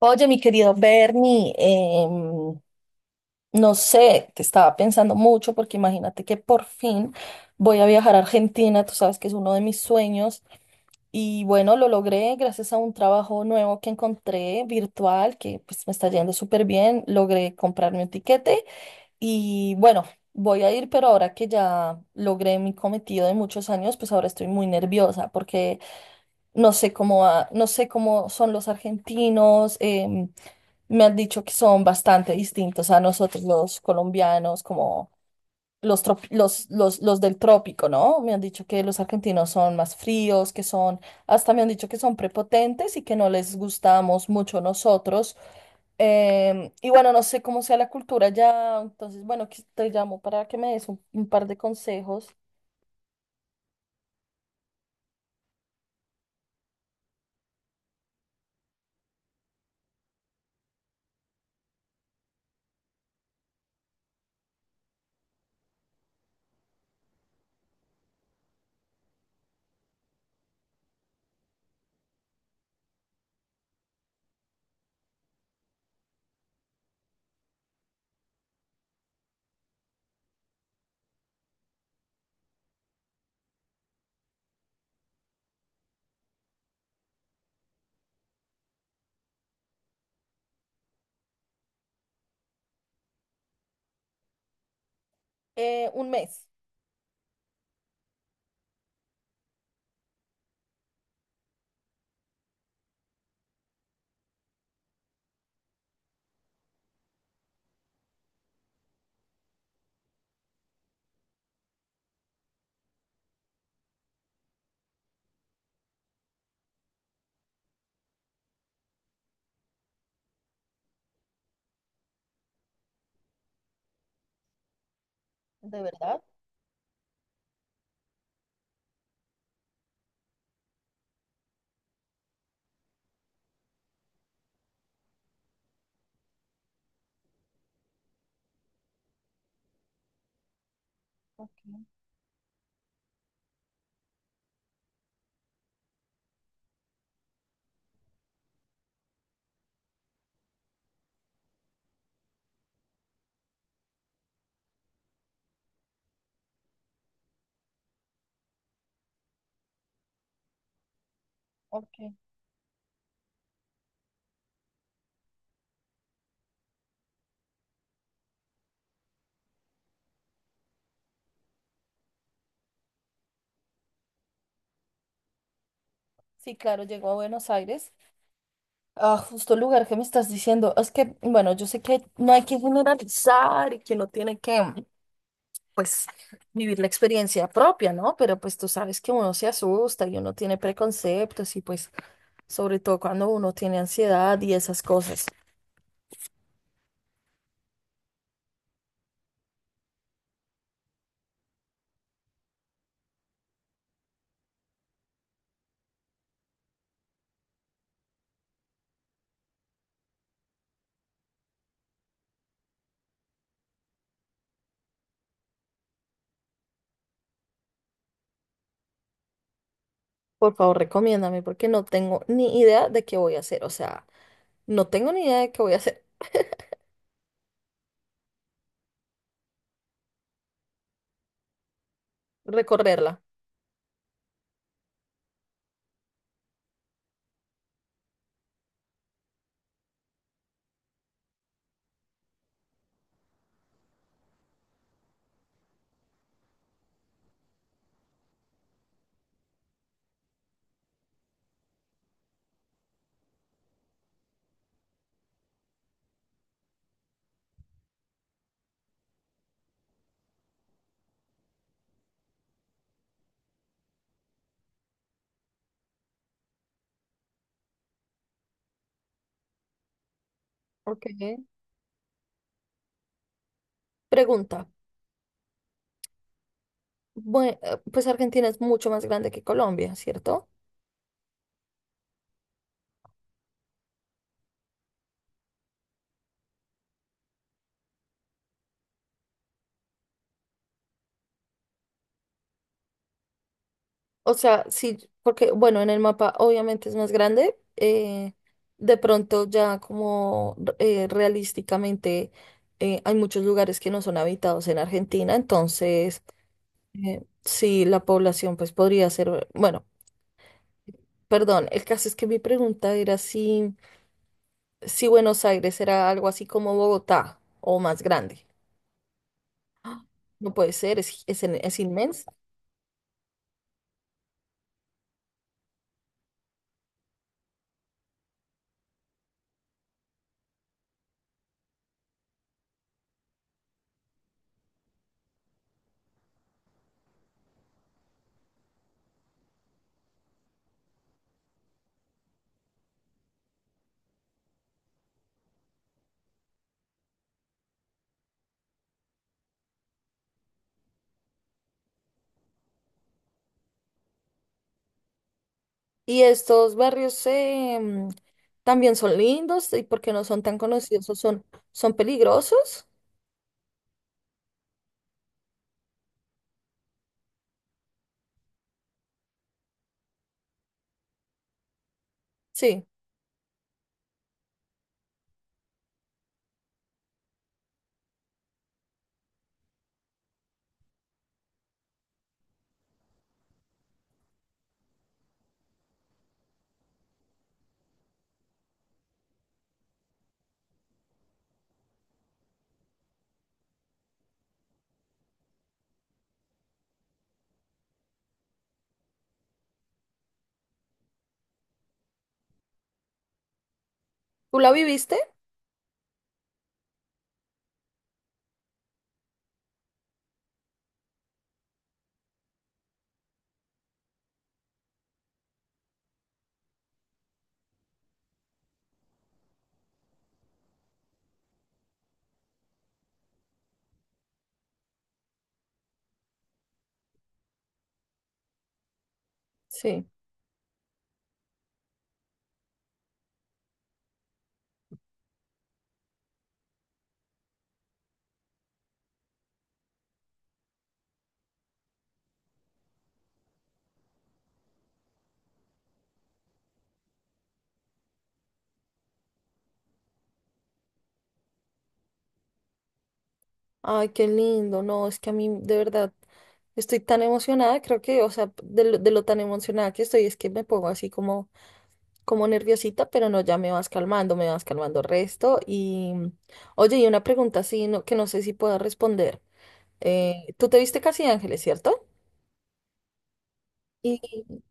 Oye, mi querido Bernie, no sé, te estaba pensando mucho porque imagínate que por fin voy a viajar a Argentina, tú sabes que es uno de mis sueños y bueno, lo logré gracias a un trabajo nuevo que encontré virtual, que pues me está yendo súper bien. Logré comprarme un tiquete y bueno, voy a ir, pero ahora que ya logré mi cometido de muchos años, pues ahora estoy muy nerviosa porque no sé cómo son los argentinos. Me han dicho que son bastante distintos a nosotros los colombianos, como los, trop- los del trópico, ¿no? Me han dicho que los argentinos son más fríos, que son, hasta me han dicho que son prepotentes y que no les gustamos mucho nosotros. Y bueno, no sé cómo sea la cultura ya. Entonces, bueno, te llamo para que me des un par de consejos. Un mes, ¿de verdad? Ok. Sí, claro, llego a Buenos Aires. Ah, justo el lugar que me estás diciendo. Es que, bueno, yo sé que no hay que generalizar y que uno tiene que, pues, vivir la experiencia propia, ¿no? Pero pues tú sabes que uno se asusta y uno tiene preconceptos y pues sobre todo cuando uno tiene ansiedad y esas cosas. Por favor, recomiéndame porque no tengo ni idea de qué voy a hacer. O sea, no tengo ni idea de qué voy a hacer. Recorrerla. Ok. Pregunta. Bueno, pues Argentina es mucho más grande que Colombia, ¿cierto? O sea, sí, porque bueno, en el mapa obviamente es más grande. De pronto ya como realísticamente, hay muchos lugares que no son habitados en Argentina, entonces sí, la población pues podría ser, bueno, perdón, el caso es que mi pregunta era si Buenos Aires era algo así como Bogotá o más grande. No puede ser, es inmenso. Y estos barrios también son lindos y porque no son tan conocidos o son, son peligrosos. Sí. ¿Tú la viviste? Sí. Ay, qué lindo. No, es que a mí de verdad estoy tan emocionada. Creo que, o sea, de lo tan emocionada que estoy, es que me pongo así como, como nerviosita, pero no, ya me vas calmando resto. Y, mm, oye, y una pregunta así no, que no sé si puedo responder. ¿Tú te viste Casi Ángeles, cierto? ¿Y,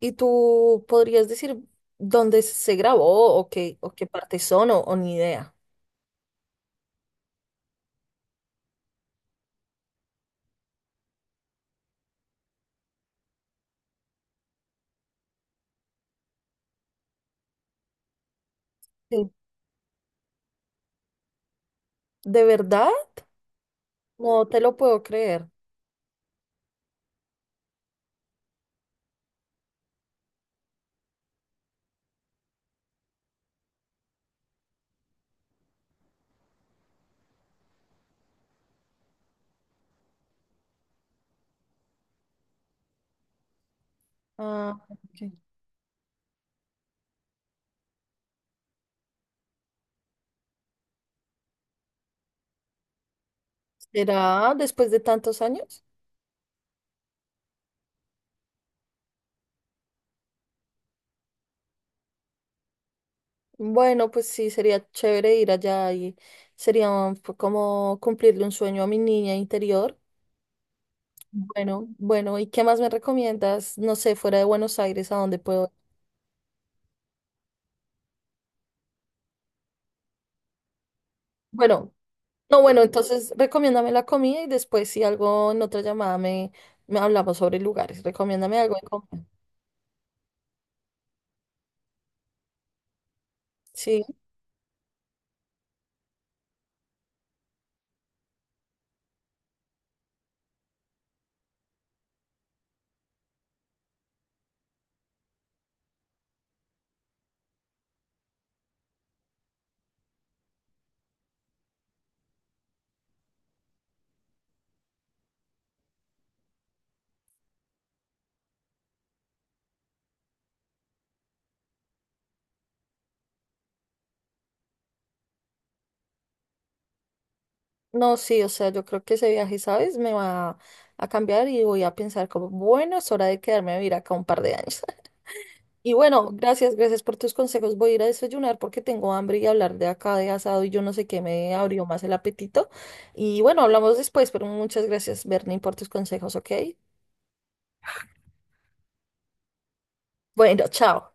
y tú podrías decir dónde se grabó o qué partes son o ni idea? Sí. ¿De verdad? No te lo puedo creer. Ah, ok. ¿Será después de tantos años? Bueno, pues sí, sería chévere ir allá y fue como cumplirle un sueño a mi niña interior. Bueno, bueno, ¿y qué más me recomiendas? No sé, fuera de Buenos Aires, ¿a dónde puedo ir? Bueno, no, bueno, entonces recomiéndame la comida y después si algo en otra llamada me hablamos sobre lugares. Recomiéndame algo de comer. Sí, no, sí, o sea, yo creo que ese viaje, ¿sabes? Me va a cambiar y voy a pensar como, bueno, es hora de quedarme a vivir acá un par de años. Y bueno, gracias, gracias por tus consejos. Voy a ir a desayunar porque tengo hambre y hablar de acá de asado y yo no sé qué me abrió más el apetito. Y bueno, hablamos después, pero muchas gracias, Bernie, por tus consejos, ¿ok? Bueno, chao.